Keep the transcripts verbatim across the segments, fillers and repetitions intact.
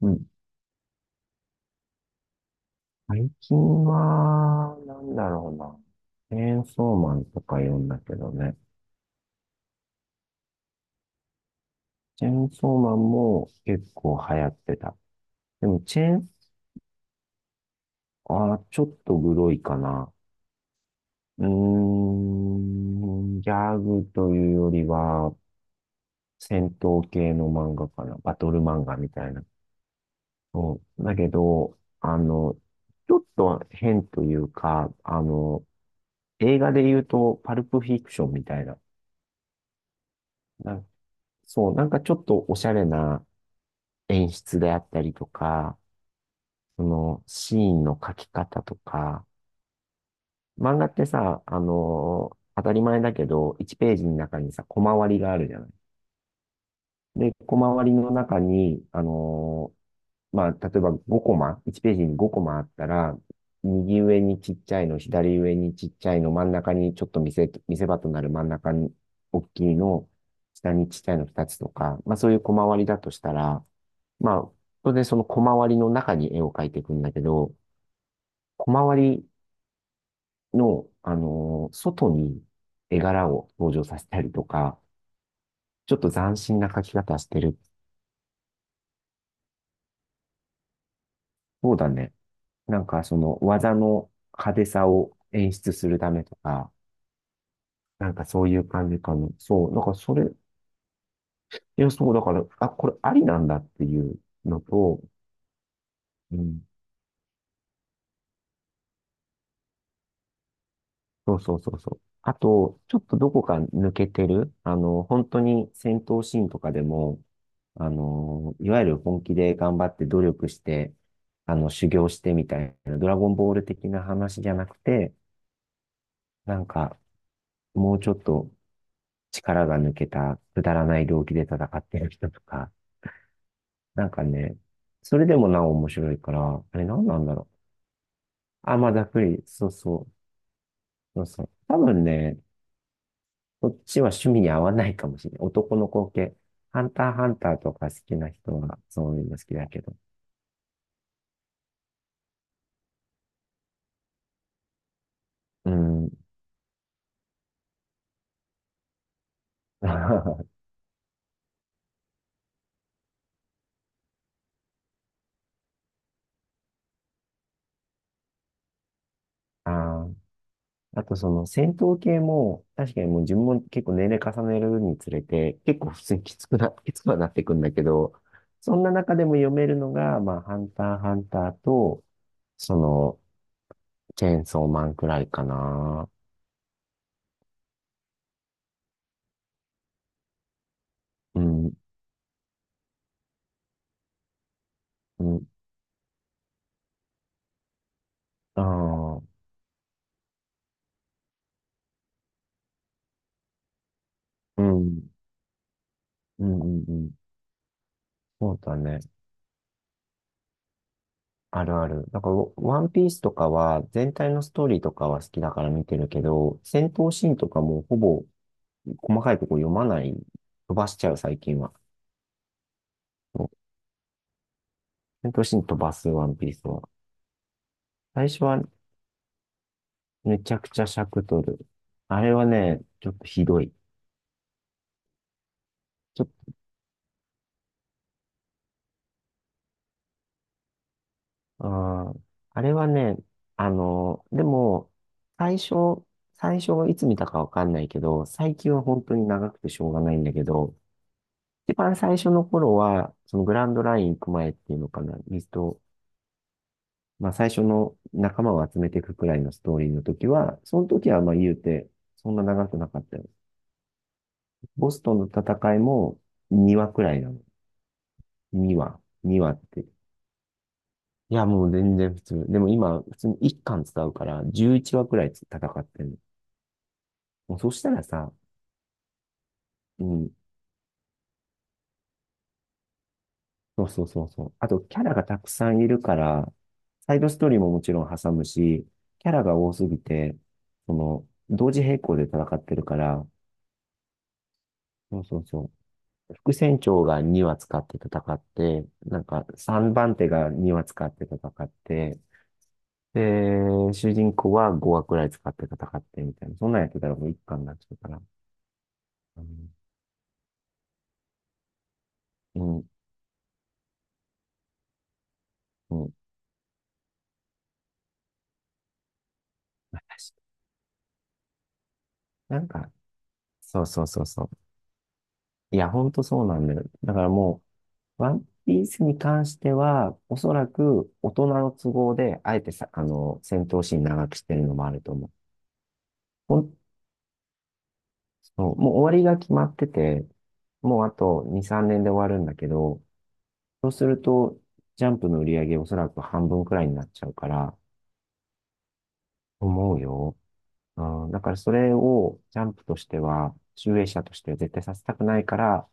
うん。最近は、なんだろうな。チェーンソーマンとか読んだけどね。チェーンソーマンも結構流行ってた。でもチェーン、あー、ちょっとグロいかな。うーん、ギャグというよりは、戦闘系の漫画かな。バトル漫画みたいな。そう。だけど、あの、ちょっと変というか、あの、映画で言うと、パルプフィクションみたいな。なんそう、なんかちょっとおしゃれな演出であったりとか、そのシーンの描き方とか、漫画ってさ、あの当たり前だけど、いちページページの中にさ、コマ割りがあるじゃない。で、コマ割りの中に、あのーまあ、例えばごコマコマ、いちページページにごコマコマあったら、右上にちっちゃいの、左上にちっちゃいの、真ん中にちょっと見せ、見せ場となる真ん中に大きいの、下にちっちゃいのふたつとか、まあ、そういうコマ割りだとしたら、まあ、当然そのコマ割りの中に絵を描いていくんだけど、コマ割りの、あのー外に絵柄を登場させたりとか、ちょっと斬新な描き方してる。そうだね。なんかその技の派手さを演出するためとか、なんかそういう感じかな。そう、なんかそれ、いや、そう、だから、あ、これありなんだっていうのと、うん、そうそうそうそう。あと、ちょっとどこか抜けてる、あの、本当に戦闘シーンとかでも、あの、いわゆる本気で頑張って努力して、あの、修行してみたいな、ドラゴンボール的な話じゃなくて、なんか、もうちょっと力が抜けた、くだらない動機で戦ってる人とか、なんかね、それでもなお面白いから、あれ何なんだろう。あ、まあ、ざっくり、そうそう、そうそう。多分ね、こっちは趣味に合わないかもしれない。男の子系。ハンターハンターとか好きな人はそういうの好きだけど。うん。ああ、あとその戦闘系も、確かにもう自分も結構年齢重ねるにつれて、結構普通にきつくな、きつくはなってくんだけど、そんな中でも読めるのが、まあ、ハンター、ハンターと、その、チェーンソーマンくらいかな。うん、うん、ああ、うん、うん、うん、うん。そうだね。あるある。だから、ワンピースとかは、全体のストーリーとかは好きだから見てるけど、戦闘シーンとかもほぼ細かいとこ読まない、飛ばしちゃう、最近は。戦闘シーン飛ばす、ワンピースは。最初はめちゃくちゃ尺取る。あれはね、ちょっとひどい。ちょっと、あー、あれはね、あの、でも、最初、最初はいつ見たかわかんないけど、最近は本当に長くてしょうがないんだけど、一番最初の頃は、そのグランドライン行く前っていうのかな、ミスト、まあ最初の仲間を集めていくくらいのストーリーの時は、その時はまあ言うて、そんな長くなかったよ。ボスとの戦いもにわくらいなの。にわ、にわって。いや、もう全然普通。でも今、普通にいっかん使うから、じゅういちわくらい戦ってるの。もうそしたらさ、うん、そうそうそうそう。あと、キャラがたくさんいるから、サイドストーリーももちろん挟むし、キャラが多すぎて、その、同時並行で戦ってるから、そうそうそう。副船長がにわ使って戦って、なんかさんばん手がにわ使って戦って、で、主人公はごわくらい使って戦ってみたいな。そんなんやってたらもう一巻になっちゃうから。うん、うん、うん。私、なんか、そうそうそうそう。いや、ほんとそうなんだよ。だからもう、ワンピースに関しては、おそらく大人の都合で、あえてさ、あの、戦闘シーン長くしてるのもあると思う。ほん、そうもう終わりが決まってて、もうあとに、さんねんで終わるんだけど、そうすると、ジャンプの売り上げおそらく半分くらいになっちゃうから、思うよ。うん、だからそれをジャンプとしては、集英社としては絶対させたくないから、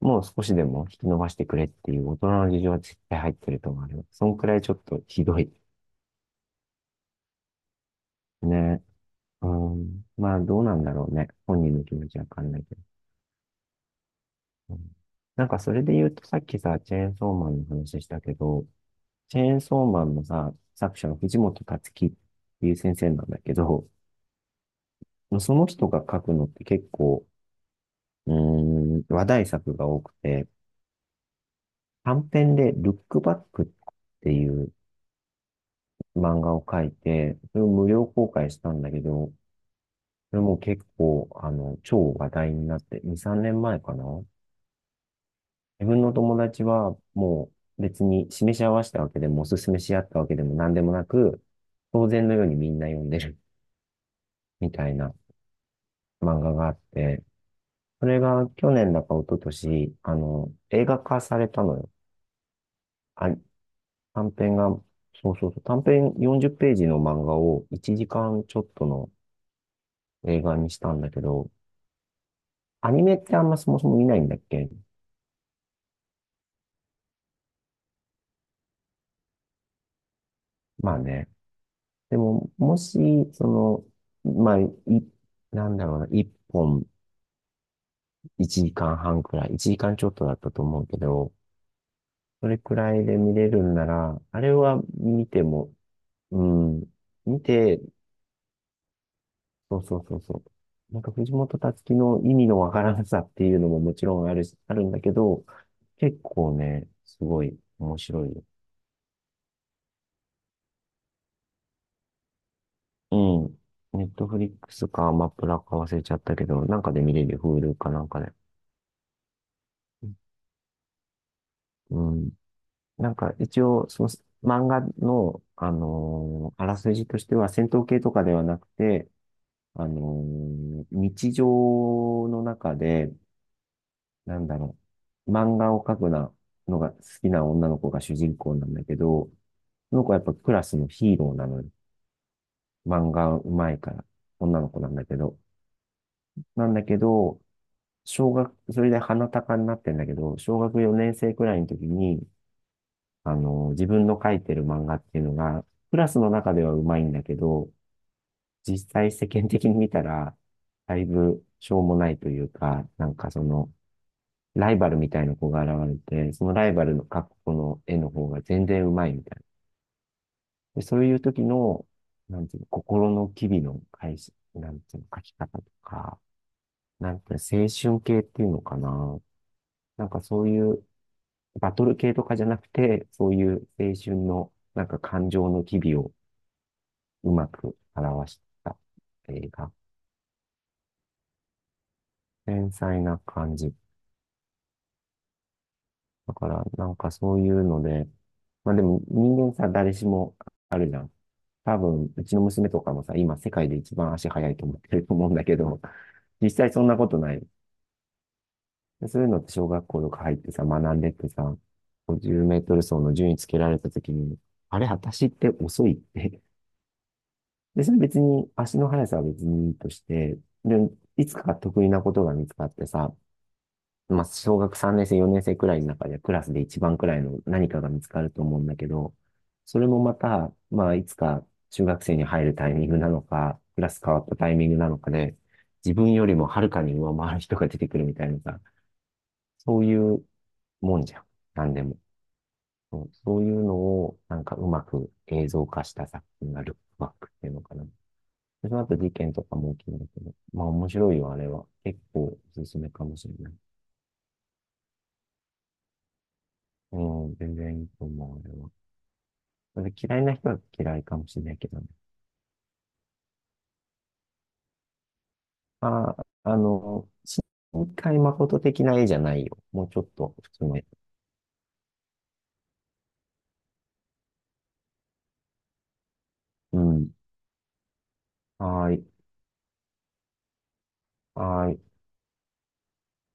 もう少しでも引き伸ばしてくれっていう大人の事情は絶対入ってると思われます。そんくらいちょっとひどい。ね。うん。まあどうなんだろうね。本人の気持ちはわかんないけど。うん、なんかそれで言うとさっきさ、チェーンソーマンの話したけど、チェーンソーマンのさ、作者は藤本達樹っていう先生なんだけど、その人が書くのって結構、うーん、話題作が多くて、短編でルックバックっていう漫画を書いて、それを無料公開したんだけど、それも結構、あの、超話題になって、に、さんねんまえかな。自分の友達はもう別に示し合わせたわけでも、おすすめし合ったわけでも何でもなく、当然のようにみんな読んでるみたいな漫画があって、それが去年だか一昨年、あの、映画化されたのよ。あ、短編が、そうそうそう、短編よんじゅうページの漫画をいちじかんちょっとの映画にしたんだけど、アニメってあんまそもそも見ないんだっけ？まあね。でも、もし、その、まあ、い、なんだろうな、本いちじかんはんくらい、いちじかんちょっとだったと思うけど、それくらいで見れるんなら、あれは見ても、うん、見て、そうそうそうそう。なんか藤本つ樹の意味のわからなさっていうのももちろんあるし、あるんだけど、結構ね、すごい面白いよ。うん。ネットフリックスかアマプラか忘れちゃったけど、なんかで見れるよ。Hulu かなんかで。うん。なんか一応、その漫画の、あのーあらすじとしては戦闘系とかではなくて、あのー日常の中で、なんだろう、漫画を描くなのが好きな女の子が主人公なんだけど、その子はやっぱクラスのヒーローなのよ。漫画うまいから、女の子なんだけど。なんだけど、小学、それで鼻高になってんだけど、小学よねん生くらいの時に、あの、自分の描いてる漫画っていうのが、クラスの中ではうまいんだけど、実際世間的に見たら、だいぶしょうもないというか、なんかその、ライバルみたいな子が現れて、そのライバルの描く子の絵の方が全然うまいみたいな。で、そういう時の、なんていうの、心の機微の返し、なんていうの、描き方とか、なんて、青春系っていうのかな。なんかそういう、バトル系とかじゃなくて、そういう青春の、なんか感情の機微をうまく表した映画。繊細な感じ。だから、なんかそういうので、まあでも人間さ、誰しもあるじゃん。多分、うちの娘とかもさ、今世界で一番足速いと思ってると思うんだけど、実際そんなことない。でそういうのって小学校とか入ってさ、学んでってさ、ごじゅうメートル走の順位つけられたときに、あれ、私って遅いって。で、それ別に、足の速さは別にいいとして、で、いつか得意なことが見つかってさ、まあ、小学さんねん生、よねん生くらいの中でクラスで一番くらいの何かが見つかると思うんだけど、それもまた、まあ、いつか中学生に入るタイミングなのか、クラス変わったタイミングなのかで、自分よりもはるかに上回る人が出てくるみたいなさ、そういうもんじゃん。なんでも。そうそういうのを、なんかうまく映像化した作品がルックバックっていうのかな。でその後事件とかも起きるんだけど、まあ面白いよ、あれは。結構おすすめかもしれない。うん、全然いいと思う、あれは。それで嫌いな人は嫌いかもしれないけどね。まあ、あの、新海誠的な絵じゃないよ。もうちょっと普通の絵。うん。はーい。はーい。